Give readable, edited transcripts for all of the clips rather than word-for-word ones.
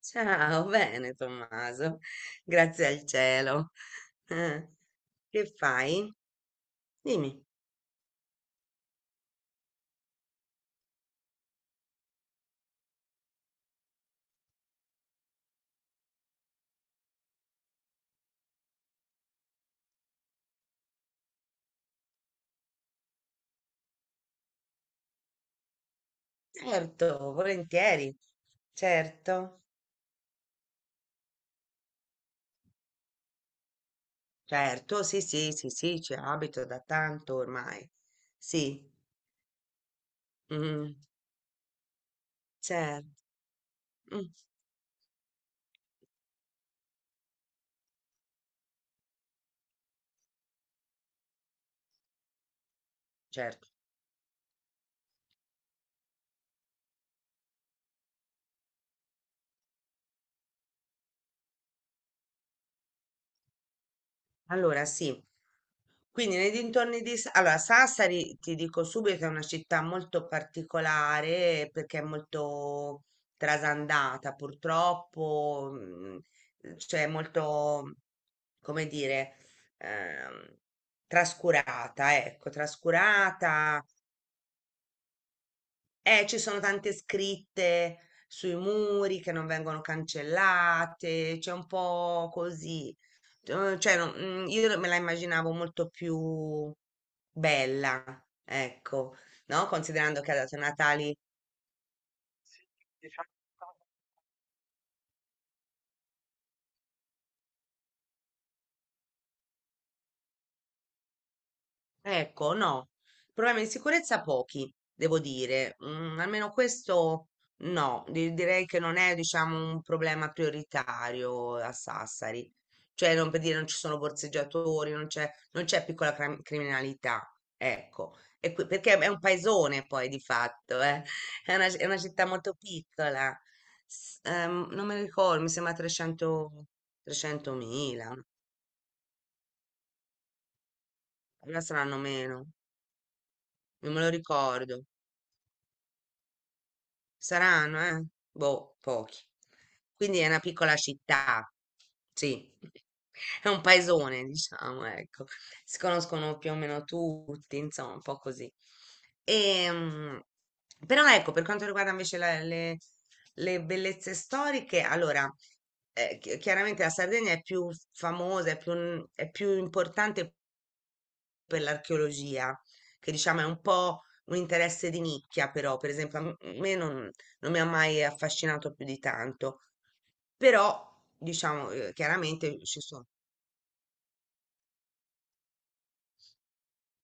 Ciao, bene Tommaso, grazie al cielo. Eh, che fai? Dimmi. Certo, volentieri. Certo, certo, sì, sì, sì, sì, ci abito da tanto ormai. Sì, mm, certo, mm, certo. Allora, sì. Quindi nei dintorni di. Allora, Sassari, ti dico subito, è una città molto particolare perché è molto trasandata, purtroppo. Cioè molto, come dire, ehm, trascurata, ecco, trascurata. Ci sono tante scritte sui muri che non vengono cancellate, c'è un po' così. Cioè, no, io me la immaginavo molto più bella, ecco, no? Considerando che ha dato i Natali. Ecco, no, problemi di sicurezza pochi, devo dire. Almeno questo no, direi che non è, diciamo, un problema prioritario a Sassari. Cioè, non per dire non ci sono borseggiatori, non c'è piccola criminalità, ecco. Perché è un paesone poi di fatto, eh. È una città molto piccola. Non me lo ricordo, mi sembra 300, 300.000, allora saranno meno, non me lo ricordo. Saranno, eh? Boh, pochi. Quindi è una piccola città, sì, è un paesone, diciamo, ecco. Si conoscono più o meno tutti, insomma, un po' così. Ehm, Però ecco, per quanto riguarda invece le bellezze storiche, allora, chiaramente la Sardegna è più famosa, è più importante per l'archeologia, che diciamo è un po' un interesse di nicchia, però, per esempio, a me non mi ha mai affascinato più di tanto, però, diciamo, chiaramente ci sono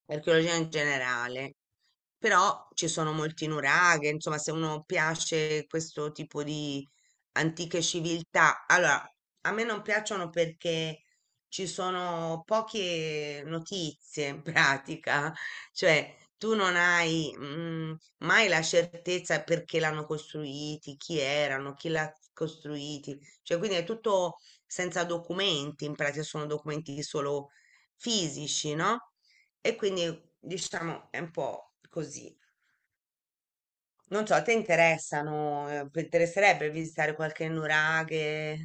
archeologia in generale, però ci sono molti nuraghe, insomma, se uno piace questo tipo di antiche civiltà, allora a me non piacciono perché ci sono poche notizie in pratica, cioè tu non hai mai la certezza perché l'hanno costruiti, chi erano, chi l'ha costruiti, cioè quindi è tutto senza documenti, in pratica sono documenti solo fisici, no? E quindi diciamo è un po' così. Non so, a te interessano, ti interesserebbe visitare qualche nuraghe?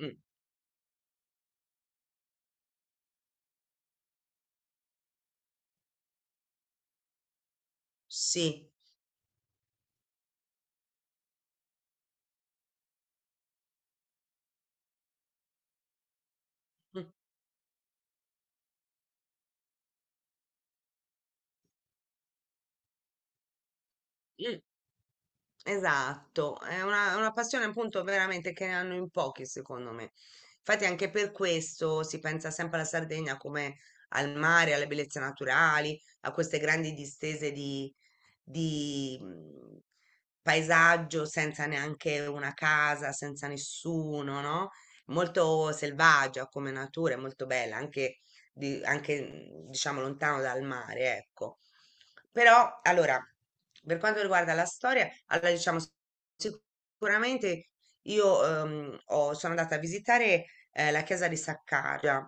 Mm, sì. Mm, mm. Esatto, è una passione appunto veramente che ne hanno in pochi secondo me. Infatti anche per questo si pensa sempre alla Sardegna come al mare, alle bellezze naturali, a queste grandi distese di paesaggio senza neanche una casa, senza nessuno, no? Molto selvaggia come natura, è molto bella, anche diciamo lontano dal mare, ecco. Però, allora, per quanto riguarda la storia, allora diciamo sicuramente io sono andata a visitare la chiesa di Saccaria,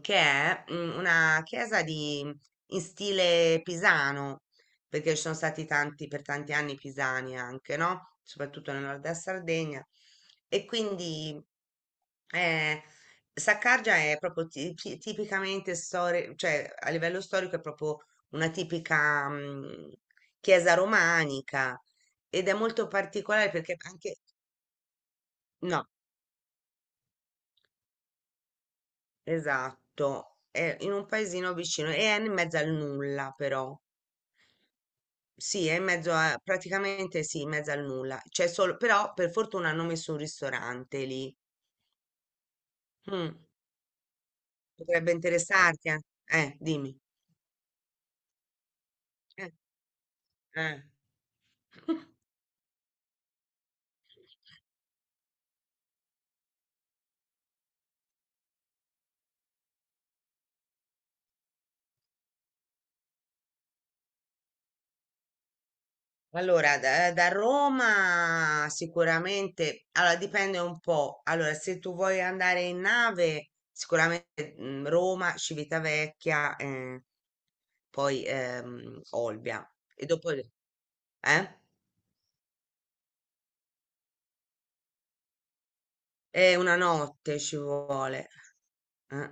che è una chiesa di, in stile pisano, perché ci sono stati tanti, per tanti anni pisani anche, no? Soprattutto nel nord della Sardegna. E quindi eh, Saccargia è proprio tipicamente storia, cioè a livello storico è proprio una tipica chiesa romanica ed è molto particolare perché anche. No, esatto, è in un paesino vicino e è in mezzo al nulla però. Sì, è in mezzo a, praticamente sì, in mezzo al nulla. C'è solo, però per fortuna hanno messo un ristorante lì. Mm, potrebbe interessarti, eh? Dimmi. Eh, eh. Allora, da Roma sicuramente, allora dipende un po'. Allora, se tu vuoi andare in nave, sicuramente Roma, Civitavecchia, poi Olbia. E dopo, eh? È una notte ci vuole. eh,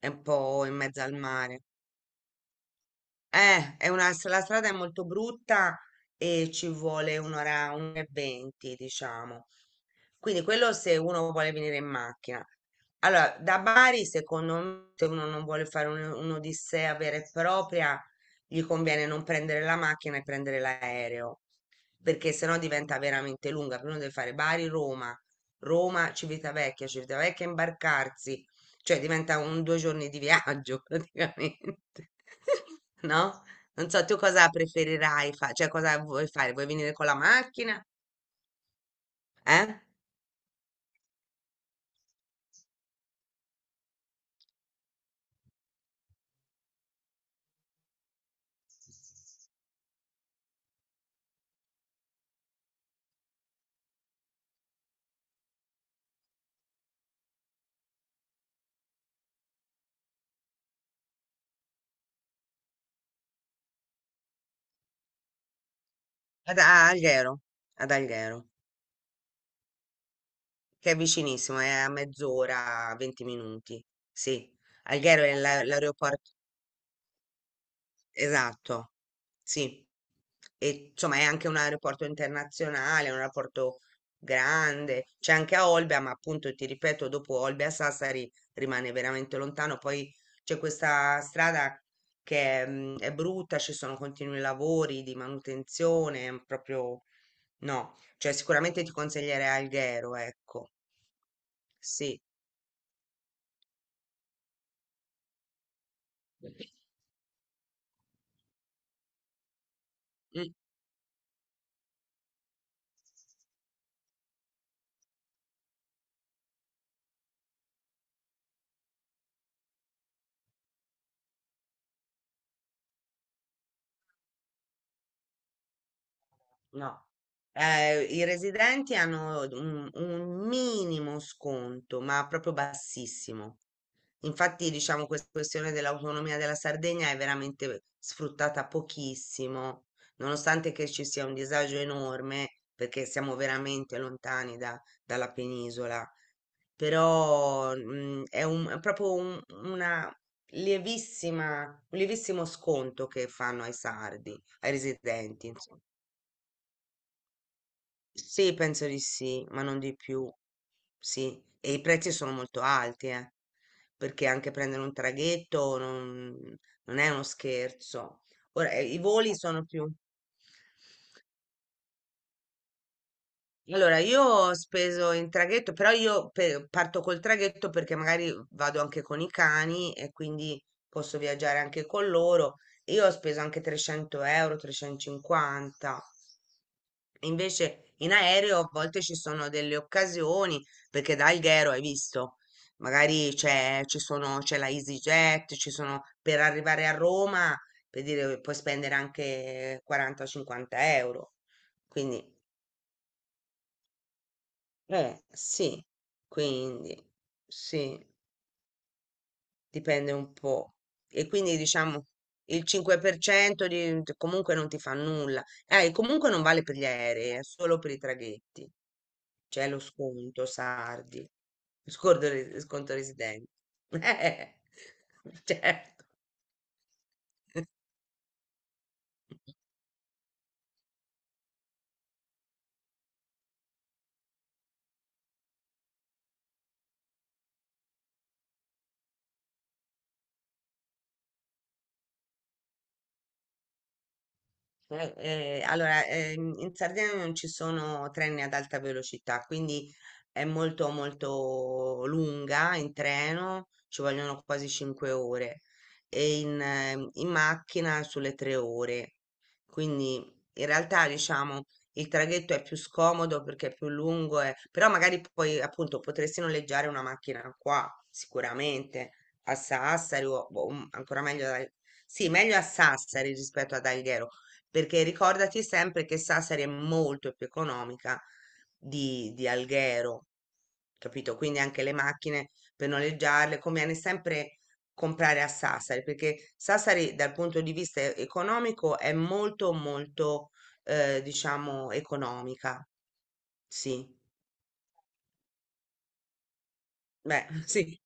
È un po' in mezzo al mare. È una, la strada è molto brutta e ci vuole un'ora, un'ora e venti, diciamo. Quindi quello se uno vuole venire in macchina. Allora, da Bari, secondo me, se uno non vuole fare un'odissea vera e propria, gli conviene non prendere la macchina e prendere l'aereo perché sennò diventa veramente lunga. Prima deve fare Bari-Roma, Roma-Civitavecchia, Civitavecchia imbarcarsi, cioè diventa un due giorni di viaggio praticamente, no? Non so, tu cosa preferirai fare? Cioè, cosa vuoi fare? Vuoi venire con la macchina? Eh? Ad a Alghero, ad Alghero, che è vicinissimo, è a mezz'ora, 20 minuti. Sì, Alghero è l'aeroporto. Esatto, sì. E insomma è anche un aeroporto internazionale, un aeroporto grande, c'è anche a Olbia, ma appunto ti ripeto, dopo Olbia Sassari rimane veramente lontano. Poi c'è questa strada che è, brutta, ci sono continui lavori di manutenzione, è proprio no, cioè sicuramente ti consiglierei Alghero, ecco. Sì. No, i residenti hanno un minimo sconto, ma proprio bassissimo. Infatti, diciamo, questa questione dell'autonomia della Sardegna è veramente sfruttata pochissimo, nonostante che ci sia un disagio enorme, perché siamo veramente lontani dalla penisola. Però, è è proprio una lievissima, un lievissimo sconto che fanno ai sardi, ai residenti. Sì, penso di sì, ma non di più. Sì, e i prezzi sono molto alti, perché anche prendere un traghetto non, non è uno scherzo. Ora, i voli sono più. Allora, io ho speso in traghetto, però io parto col traghetto perché magari vado anche con i cani e quindi posso viaggiare anche con loro. Io ho speso anche 300 euro, 350. Invece in aereo a volte ci sono delle occasioni, perché da Alghero hai visto, magari c'è la EasyJet, ci sono, per arrivare a Roma, per dire, puoi spendere anche 40-50 euro. Quindi sì, quindi sì, dipende un po'. E quindi diciamo il 5% comunque non ti fa nulla. E comunque non vale per gli aerei, è solo per i traghetti. C'è lo sconto, sardi, sconto, sconto residente. Eh, certo. Allora, in Sardegna non ci sono treni ad alta velocità, quindi è molto molto lunga in treno, ci vogliono quasi 5 ore e in macchina sulle 3 ore. Quindi in realtà diciamo il traghetto è più scomodo perché è più lungo, però magari poi appunto potresti noleggiare una macchina qua sicuramente a Sassari o ancora meglio sì, meglio a Sassari rispetto ad Alghero perché ricordati sempre che Sassari è molto più economica di Alghero, capito? Quindi anche le macchine per noleggiarle conviene sempre comprare a Sassari, perché Sassari dal punto di vista economico è molto molto diciamo economica. Sì, beh, sì.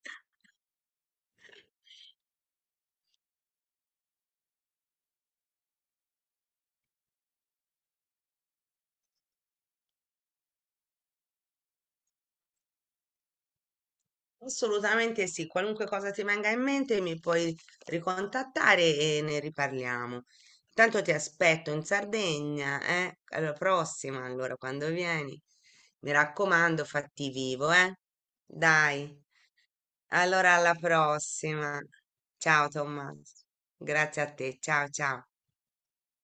Assolutamente sì, qualunque cosa ti venga in mente mi puoi ricontattare e ne riparliamo. Intanto ti aspetto in Sardegna, eh? Alla prossima, allora, quando vieni. Mi raccomando, fatti vivo, eh? Dai, allora alla prossima. Ciao Tommaso, grazie a te, ciao ciao.